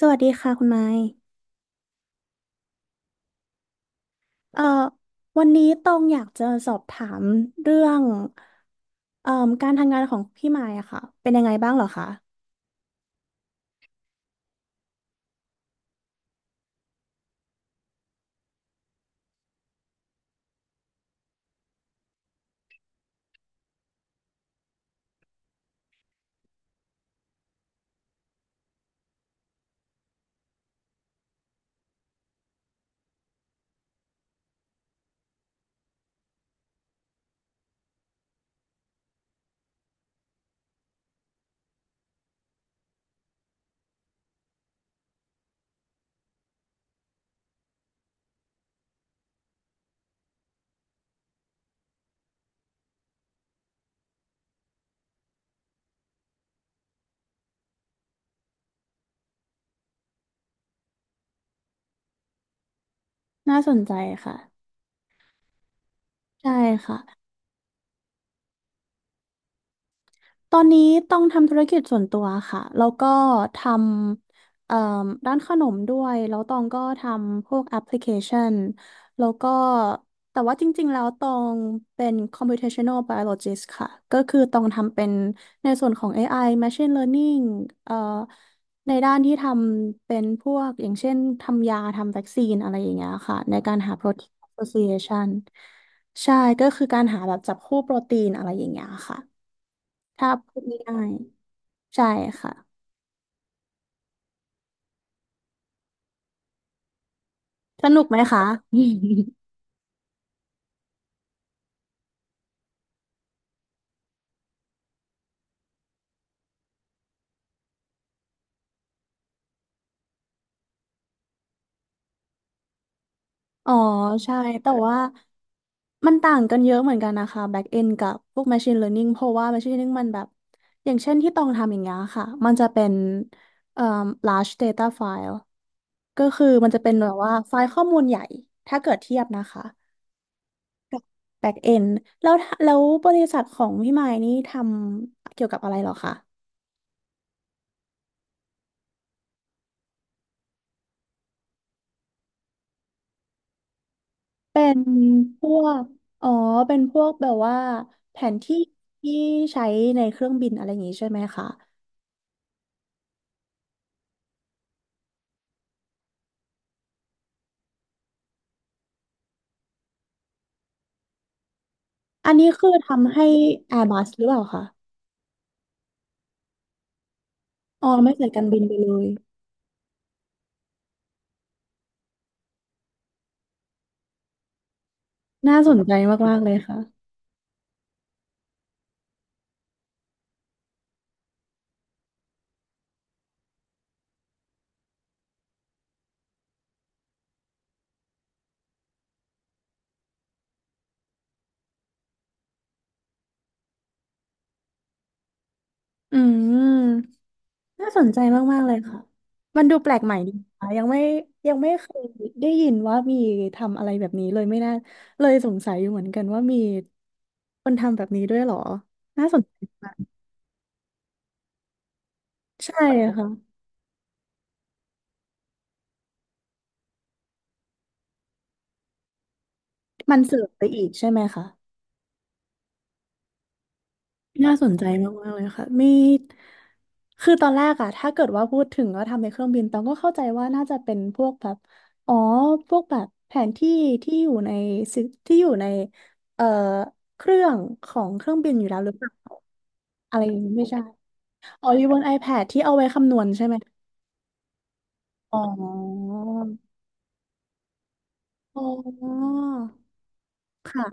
สวัสดีค่ะคุณไม้เอ่อวันนี้ตองอยากจะสอบถามเรื่องเอ่อการทำงานของพี่ไม้อะค่ะ เป็นยังไงบ้างเหรอคะน่าสนใจค่ะ ใช่ค่ะ ตอนนี้ต้องทำธุรกิจส่วนตัวค่ะ แล้วก็ทำร้านขนมด้วย แล้วตองก็ทำพวกแอปพลิเคชันแล้วก็แต่ว่าจริงๆแล้วตองเป็น computational biologist ค่ะ ก็คือตองทำเป็นในส่วนของ AI machine learning เอ่อในด้านที่ทำเป็นพวกอย่างเช่นทำยาทำวัคซีนอะไรอย่างเงี้ยค่ะในการหา protein association ใช่ ก็คือการหาแบบจับคู่โปรตีนอะไรอย่างเงี้ยค่ะ ถ้าพูดง่ายๆใช่ค่ะสนุกไหมคะ อ๋อใช่แต่ว่ามันต่างกันเยอะเหมือนกันนะคะ back end กับพวก machine learning เพราะว่า machine learning มันแบบอย่างเช่นที่ต้องทำอย่างเงี้ยค่ะมันจะเป็นเอ่อ large data file ก็คือมันจะเป็นแบบว่าไฟล์ข้อมูลใหญ่ถ้าเกิดเทียบนะคะ back end แล้วแล้วบริษัทของพี่ไมค์นี่ทำเกี่ยวกับอะไรเหรอคะ เป็นพวกอ๋อเป็นพวกแบบว่าแผนที่ที่ใช้ในเครื่องบินอะไรอย่างงี้ใช่ไหมคะอันนี้คือทำให้ Airbus หรือเปล่าคะอ๋อไม่ใส่การบินไปเลยน่าสนใจมากๆเลยค่ะอืมน่าสนใจมากๆเลยค่ะมันดูแปลกใหม่ดีค่ะยังไม่เคยได้ยินว่ามีทำอะไรแบบนี้เลยไม่น่าเลยสงสัยอยู่เหมือนกันว่ามีคนทำแบบนี้ด้วยเหรอน่าสนใจมากใช่ค่ะมันเสิร์มไปอีกใช่ไหมคะ น่าสนใจมากๆเลยค่ะมีคือตอนแรกอะถ้าเกิดว่าพูดถึงว่าทำในเครื่องบินตองก็เข้าใจว่าน่าจะเป็นพวกแบบอ๋อพวกแบบแผนที่ที่อยู่ในซิที่อยู่ในเอ่อเครื่องของเครื่องบินอยู่แล้วหรือเปล่าอะไรอย่างนี้ไม่ใช่อ๋ออยู่บน iPad ที่เอาไว้คำนวณใช่ไหมอ๋ออ๋อค่ะ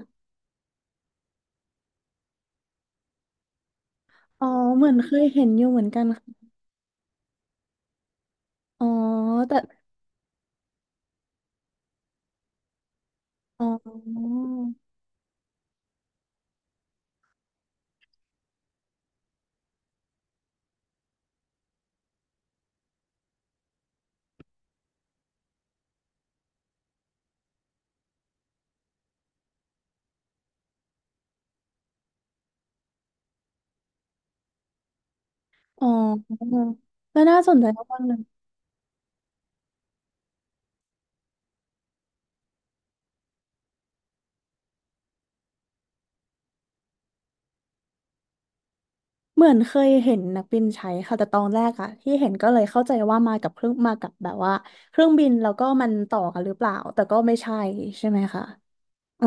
อ๋อเหมือนเคยเห็นอยู่เหมือนกันค่ะอ๋อแต่อ๋ออ๋อแล้วน่าสนใจมากๆเลย เหมือนเคยเห็นนักบินใช้ค่ะแต่ตอนแรกอะที่เห็นก็เลยเข้าใจว่ามากับเครื่องมากับแบบว่าเครื่องบินแล้วก็มันต่อกันหรือเปล่าแต่ก็ไม่ใช่ใช่ไหมคะอ๋อ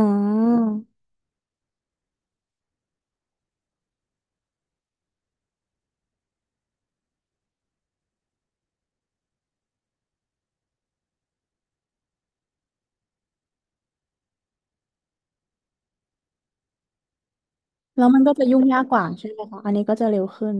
แล้วมันก็จะยุ่งยากกว่าใช่ไหมคะอันนี้ก็จะเร็วขึ้น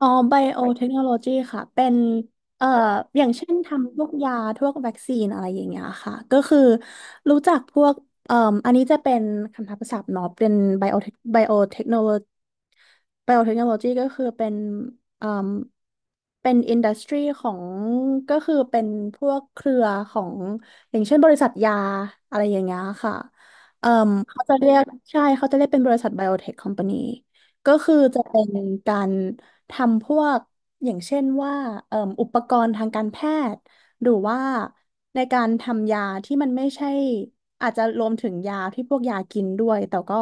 อ๋อไบโอเทคโนโลยีค่ะเป็นเอ่ออย่างเช่นทำพวกยาพวกวัคซีนอะไรอย่างเงี้ยค่ะก็คือรู้จักพวกเอ่ออันนี้จะเป็นคำทับศัพท์เนาะเป็นไบโอเทคโนโล ไบโอเทคโนโลยีก็คือเป็นอืมเป็นอินดัสทรีของก็คือเป็นพวกเครือของอย่างเช่นบริษัทยาอะไรอย่างเงี้ยค่ะเอ่มเขาจะเรียกใช่เขาจะเรียกเป็นบริษัทไบโอเทคคอมพานีก็คือจะเป็นการทำพวกอย่างเช่นว่าเอ่มอุปกรณ์ทางการแพทย์ หรือว่าในการทำยาที่มันไม่ใช่อาจจะรวมถึงยาที่พวกยากินด้วยแต่ก็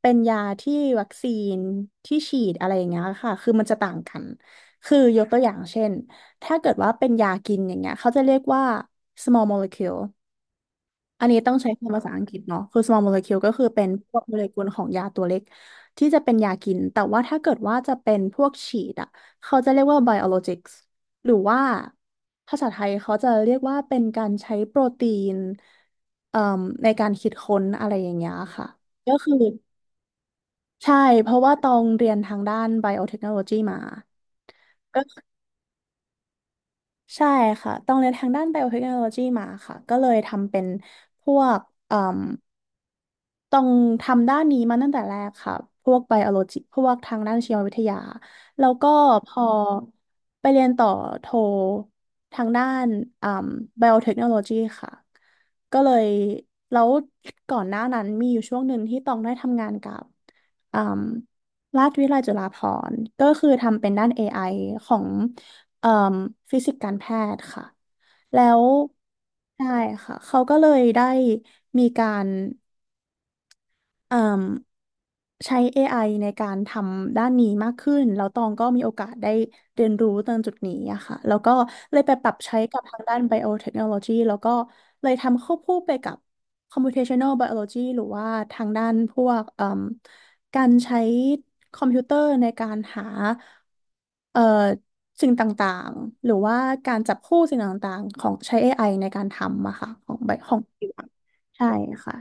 เป็นยาที่วัคซีนที่ฉีดอะไรอย่างเงี้ยค่ะคือมันจะต่างกันคือยกตัวอย่างเช่นถ้าเกิดว่าเป็นยากินอย่างเงี้ยเขาจะเรียกว่า small molecule อันนี้ต้องใช้คำภาษาอังกฤษเนาะคือ small molecule ก็คือเป็นพวกโมเลกุลของยาตัวเล็กที่จะเป็นยากิน แต่ว่าถ้าเกิดว่าจะเป็นพวกฉีดอ่ะเขาจะเรียกว่า biologics หรือว่าภาษาไทยเขาจะเรียกว่าเป็นการใช้โปรตีนเอ่มในการคิดค้นอะไรอย่างเงี้ยค่ะ ก็คือใช่ เพราะว่าต้องเรียนทางด้าน biotechnology มา ก็ใช่ค่ะต้องเรียนทางด้าน biotechnology มาค่ะก็เลยทำเป็นพวก ต้องทำด้านนี้มาตั้งแต่แรกค่ะพวกไบโอโลจิพวกทางด้านชีววิทยา แล้วก็พอไปเรียนต่อโททางด้านอ่าไบโอเทคโนโลยีค่ะ ก็เลยแล้วก่อนหน้านั้นมีอยู่ช่วงหนึ่งที่ต้องได้ทำงานกับอ่าราชวิทยาลัยจุฬาภรณ์ก็คือทำเป็นด้าน AI ของอ่าฟิสิกส์การแพทย์ค่ะ แล้วใช่ค่ะ เขาก็เลยได้มีการ เอ่มใช้ AI ในการทำด้านนี้มากขึ้นแล้วตองก็มีโอกาสได้เรียนรู้ตรงจุดนี้อะค่ะแล้วก็เลยไปปรับใช้กับทางด้าน biotechnology แล้วก็เลยทำควบคู่ไปกับ computational biology หรือว่าทางด้านพวกเอ่มการใช้คอมพิวเตอร์ในการหาเอ่อสิ่งต่างๆหรือว่าการจับคู่สิ่งต่างๆของใช้ AI ในการทำอะค่ะของ ของ bio ใช่ค่ะ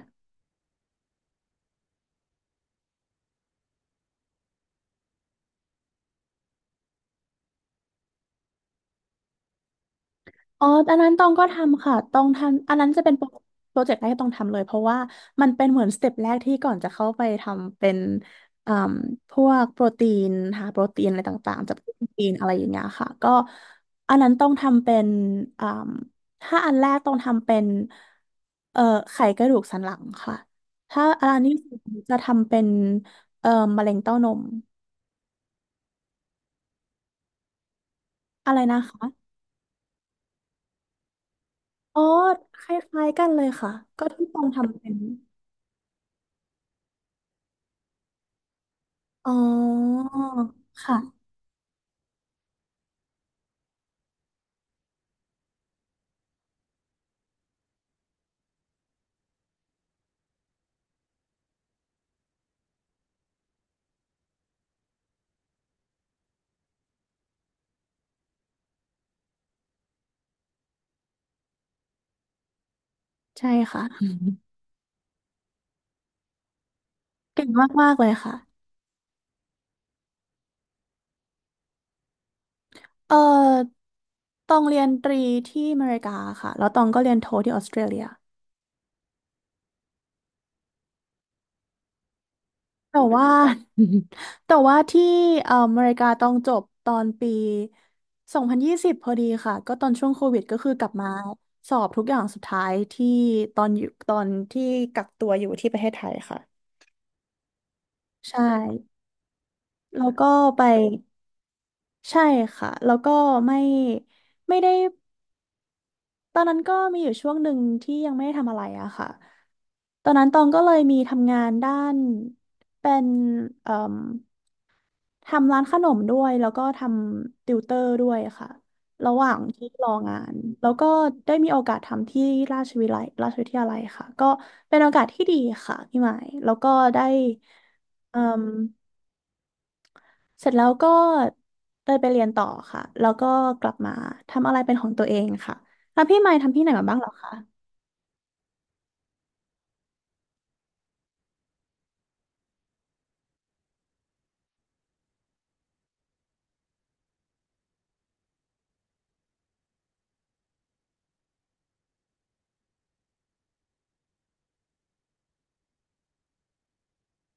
อ๋ออันนั้นตองก็ทำค่ะตองทำอันนั้นจะเป็นโปรเจกต์แรกที่ต้องทำเลยเพราะว่ามันเป็นเหมือนสเต็ปแรกที่ก่อนจะเข้าไปทำเป็นอ่มพวกโปรตีนหาโปรตีนอะไรต่างๆจากโปรตีนอะไรอย่างเงี้ยค่ะก็อันนั้นต้องทำเป็นอ่มถ้าอันแรกต้องทำเป็นเอ่อไขกระดูกสันหลังค่ะถ้าอันนี้จะทำเป็นเอ่อมะเร็งเต้านมอะไรนะคะอ๋อคล้ายๆกันเลยค่ะก็ที่ตองทำเป็น อ๋อ ค่ะ ใช่ค่ะอืมเก่งมากๆเลยค่ะ เอ่อตองเรียนตรีที่อเมริกาค่ะแล้วตองก็เรียนโทที่ออสเตรเลียแต่ว่า แต่ว่าที่อเมริกาตองจบตอนปี2020พนยี่สิบพอดีค่ะก็ตอนช่วงโควิดก็คือกลับมาสอบทุกอย่างสุดท้ายที่ตอนอยู่ตอนที่กักตัวอยู่ที่ประเทศไทยค่ะใช่ แล้วก็ไป ใช่ค่ะ แล้วก็ไม่ไม่ได้ ตอนนั้นก็มีอยู่ช่วงหนึ่งที่ยังไม่ได้ทำอะไรอะค่ะตอนนั้นตองก็เลยมีทำงานด้านเป็นเอ่มทำร้านขนมด้วยแล้วก็ทำติวเตอร์ด้วยค่ะระหว่างที่รองานแล้วก็ได้มีโอกาสทำที่ราชวิไลราชวิทยาลัยค่ะก็เป็นโอกาสที่ดีค่ะพี่หมายแล้วก็ได้เอ่มเสร็จแล้วก็ได้ไปเรียนต่อค่ะแล้วก็กลับมาทำอะไรเป็นของตัวเองค่ะแล้วพี่หมายทำที่ไหนมาบ้างเหรอคะ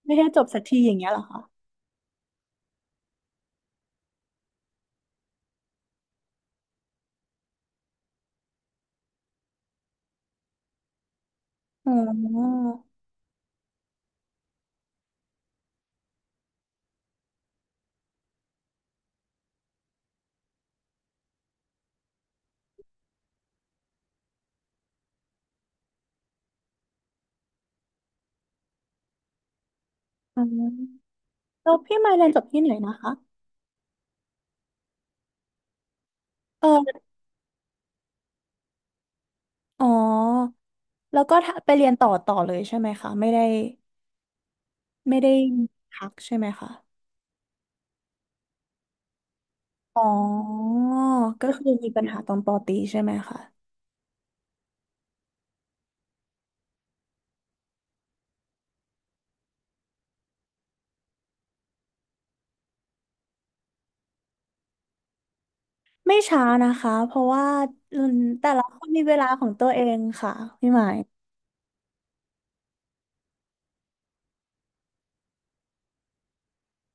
ไม่ให้จบสักทีอย่างเงี้ยเหรอคะอ๋ออ๋อแล้วพี่มาเรียนจบที่ไหนนะคะเอออ๋อแล้วก็ถ้าไปเรียนต่อต่อเลยใช่ไหมคะ ไม่ได้ไม่ได้พักใช่ไหมคะ อ๋อก็คือมีปัญหาตอนปอตรีใช่ไหมคะไม่ช้านะคะเพราะว่าแต่ละคนมีเวลาของตัวเองค่ะพี่หมาย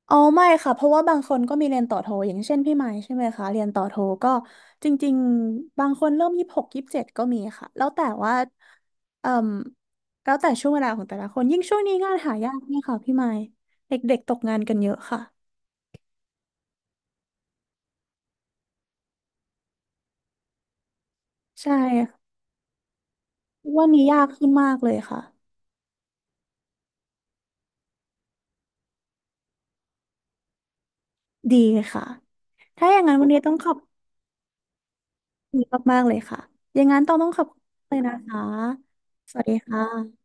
อ๋อไม่ค่ะเพราะว่าบางคนก็มีเรียนต่อโทอย่างเช่นพี่ไม้ใช่ไหมคะเรียนต่อโทก็จริงๆบางคนเริ่ม2627ก็มีค่ะแล้วแต่ว่าเอ่มแล้วแต่ช่วงเวลาของแต่ละคนยิ่งช่วงนี้งานหายากเนี่ยค่ะพี่ไม้เด็กๆตกงานกันเยอะค่ะใช่ค่ะวันนี้ยากขึ้นมากเลยค่ะดีค่ะถ้าอย่างนั้นวันนี้ต้องขอบคุณมากๆเลยค่ะอย่างนั้นต้องต้องขอบคุณเลยนะคะสวัสดีค่ะ